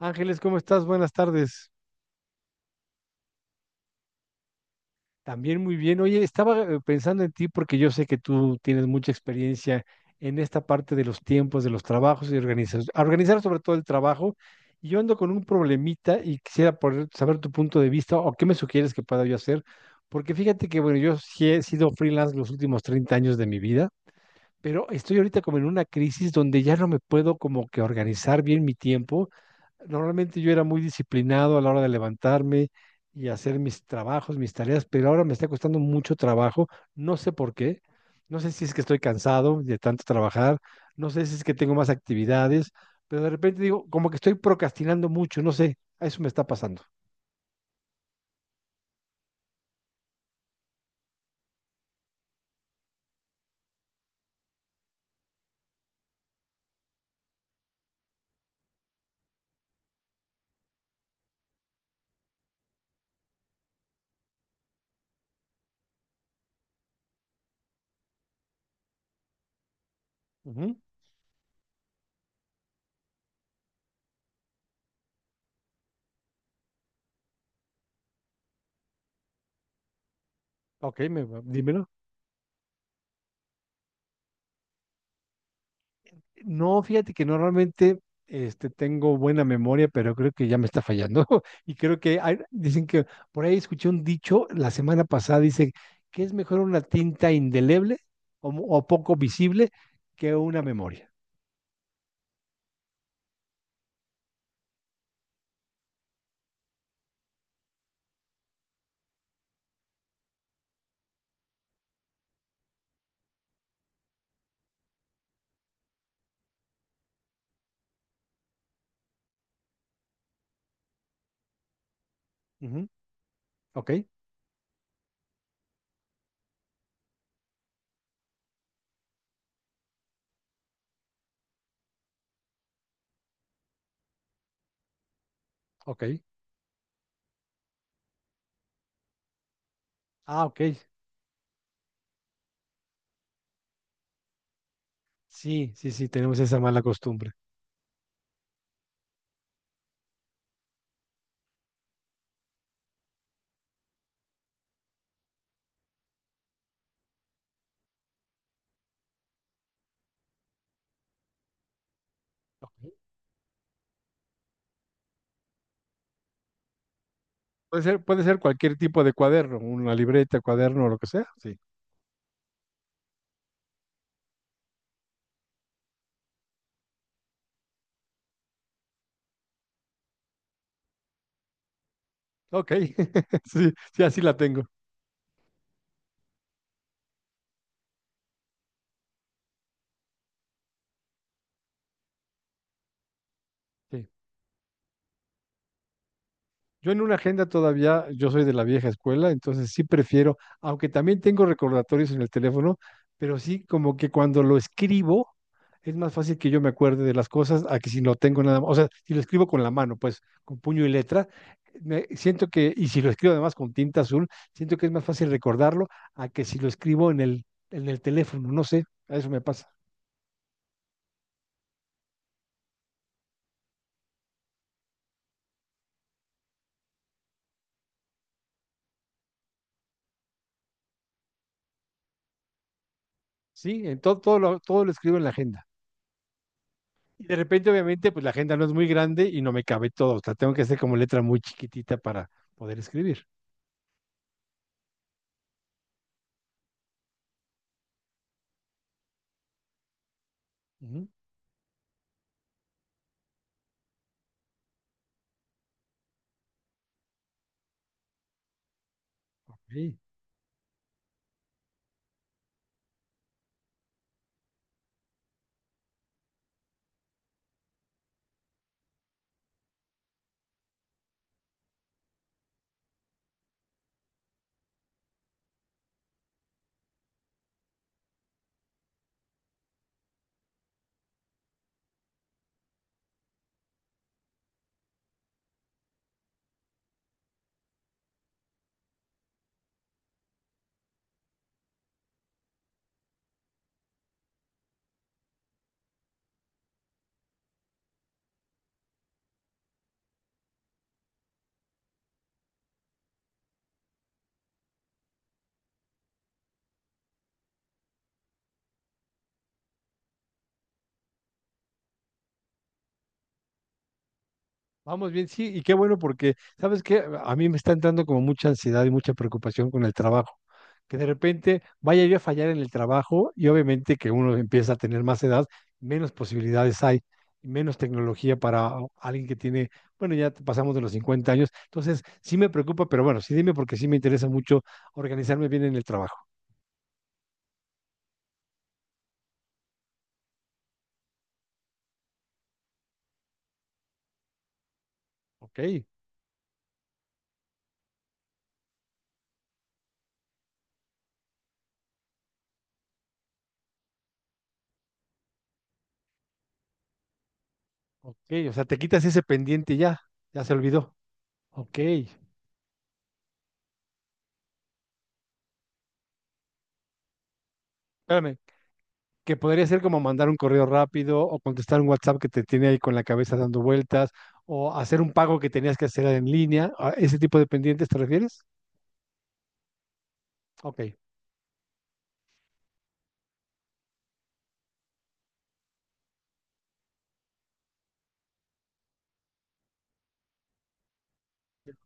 Ángeles, ¿cómo estás? Buenas tardes. También muy bien. Oye, estaba pensando en ti porque yo sé que tú tienes mucha experiencia en esta parte de los tiempos, de los trabajos y organizar sobre todo el trabajo. Y yo ando con un problemita y quisiera poder saber tu punto de vista o qué me sugieres que pueda yo hacer. Porque fíjate que, bueno, yo sí he sido freelance los últimos 30 años de mi vida, pero estoy ahorita como en una crisis donde ya no me puedo como que organizar bien mi tiempo. Normalmente yo era muy disciplinado a la hora de levantarme y hacer mis trabajos, mis tareas, pero ahora me está costando mucho trabajo. No sé por qué. No sé si es que estoy cansado de tanto trabajar. No sé si es que tengo más actividades, pero de repente digo, como que estoy procrastinando mucho. No sé, a eso me está pasando. Ujú. Ok, me, dímelo. No, fíjate que normalmente este, tengo buena memoria, pero creo que ya me está fallando. Y creo que dicen que por ahí escuché un dicho la semana pasada, dice que es mejor una tinta indeleble o, o poco visible que una memoria. Ujú. Ok, ok. Ah, ok. Sí, sí, sí, tenemos esa mala costumbre. Ok. Puede ser cualquier tipo de cuaderno, una libreta, cuaderno, lo que sea. Sí. Ok, sí, sí, así la tengo. Sí. Yo en una agenda todavía, yo soy de la vieja escuela, entonces sí prefiero, aunque también tengo recordatorios en el teléfono, pero sí como que cuando lo escribo es más fácil que yo me acuerde de las cosas a que si no tengo nada más. O sea, si lo escribo con la mano, pues con puño y letra, me siento que, y si lo escribo además con tinta azul, siento que es más fácil recordarlo a que si lo escribo en el teléfono, no sé, a eso me pasa. Sí, en todo, todo lo escribo en la agenda. Y de repente, obviamente, pues la agenda no es muy grande y no me cabe todo. O sea, tengo que hacer como letra muy chiquitita para poder escribir. Ujú. Ok. Vamos bien, sí, y qué bueno porque, ¿sabes qué? A mí me está entrando como mucha ansiedad y mucha preocupación con el trabajo. Que de repente vaya yo a fallar en el trabajo y obviamente que uno empieza a tener más edad, menos posibilidades hay, menos tecnología para alguien que tiene, bueno, ya pasamos de los 50 años. Entonces, sí me preocupa, pero bueno, sí dime porque sí me interesa mucho organizarme bien en el trabajo. Ok. Ok, o sea, te quitas ese pendiente y ya, ya se olvidó. Ok, espérame, que podría ser como mandar un correo rápido o contestar un WhatsApp que te tiene ahí con la cabeza dando vueltas o hacer un pago que tenías que hacer en línea. ¿A ese tipo de pendientes te refieres? Ok,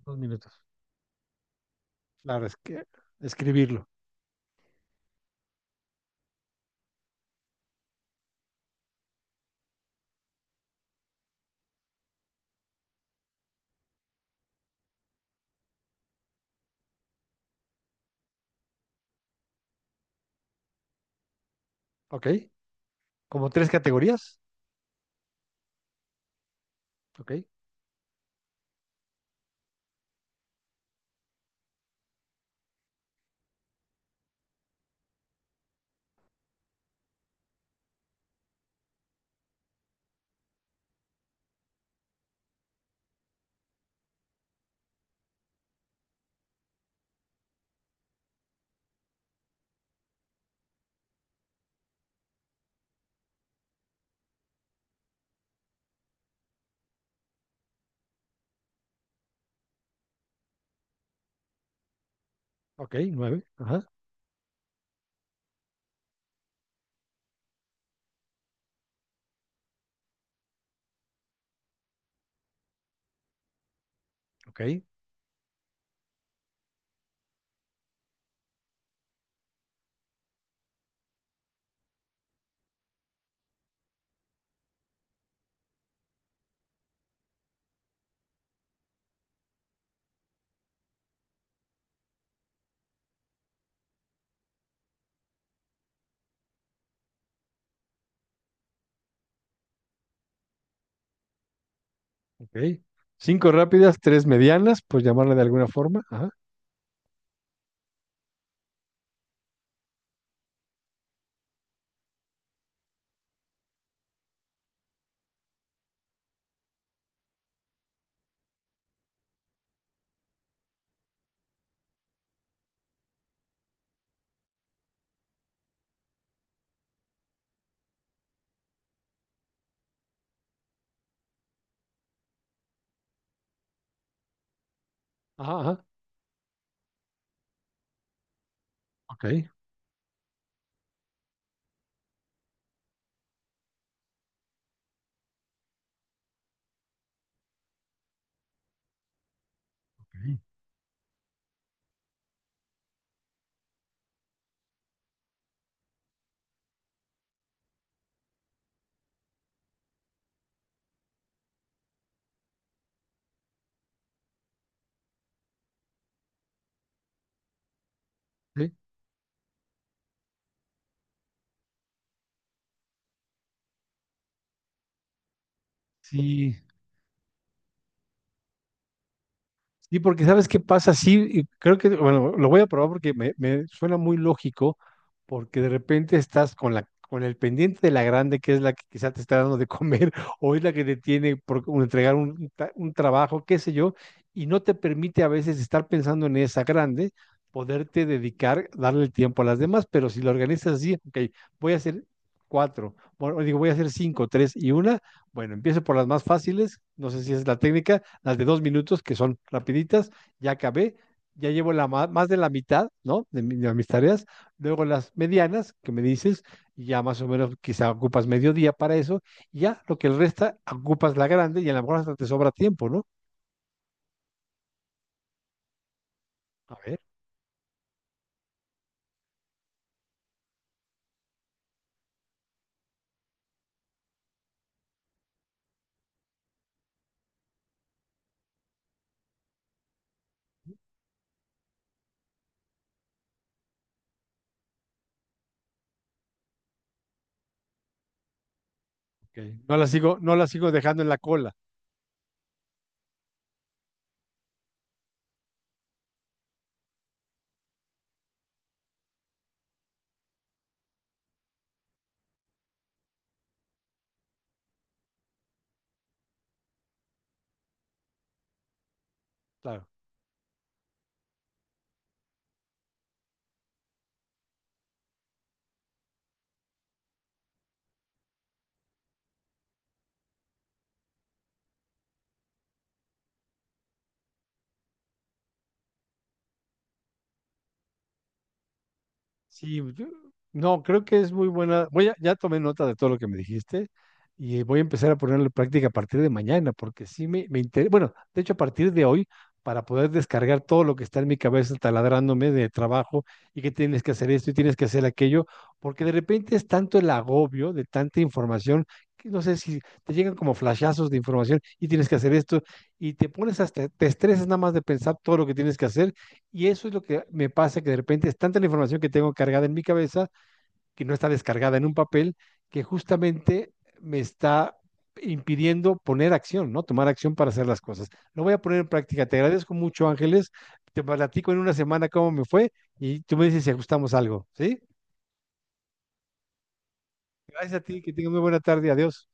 2 minutos. Claro, es que escribirlo. Ok, como tres categorías. Ok, ok, nueve. Ajá, ok, ok. Cinco rápidas, tres medianas, pues llamarle de alguna forma. Ajá, ajá, ajá. Ok. Ok. Sí. Sí, sí, porque ¿sabes qué pasa? Sí, y creo que, bueno, lo voy a probar porque me suena muy lógico, porque de repente estás con la, con el pendiente de la grande, que es la que quizá te está dando de comer, o es la que te tiene por entregar un, un trabajo, qué sé yo, y no te permite a veces estar pensando en esa grande, poderte dedicar, darle el tiempo a las demás, pero si lo organizas así, ok, voy a hacer cuatro, bueno, digo, voy a hacer cinco, tres y una, bueno, empiezo por las más fáciles, no sé si es la técnica, las de 2 minutos que son rapiditas, ya acabé, ya llevo la más de la mitad, ¿no? De, de mis tareas, luego las medianas que me dices, y ya más o menos quizá ocupas mediodía para eso, y ya lo que el resta ocupas la grande y a lo mejor hasta te sobra tiempo, ¿no? A ver, ok. No la sigo, no la sigo dejando en la cola, claro. Sí, pues, no, creo que es muy buena. Voy a, ya tomé nota de todo lo que me dijiste y voy a empezar a ponerlo en práctica a partir de mañana, porque sí me interesa. Bueno, de hecho, a partir de hoy, para poder descargar todo lo que está en mi cabeza taladrándome de trabajo y que tienes que hacer esto y tienes que hacer aquello, porque de repente es tanto el agobio de tanta información que no sé si te llegan como flashazos de información y tienes que hacer esto y te pones hasta, te estresas nada más de pensar todo lo que tienes que hacer y eso es lo que me pasa, que de repente es tanta la información que tengo cargada en mi cabeza, que no está descargada en un papel, que justamente me está impidiendo poner acción, ¿no? Tomar acción para hacer las cosas. Lo voy a poner en práctica. Te agradezco mucho, Ángeles. Te platico en una semana cómo me fue y tú me dices si ajustamos algo, ¿sí? Gracias a ti, que tengas muy buena tarde. Adiós.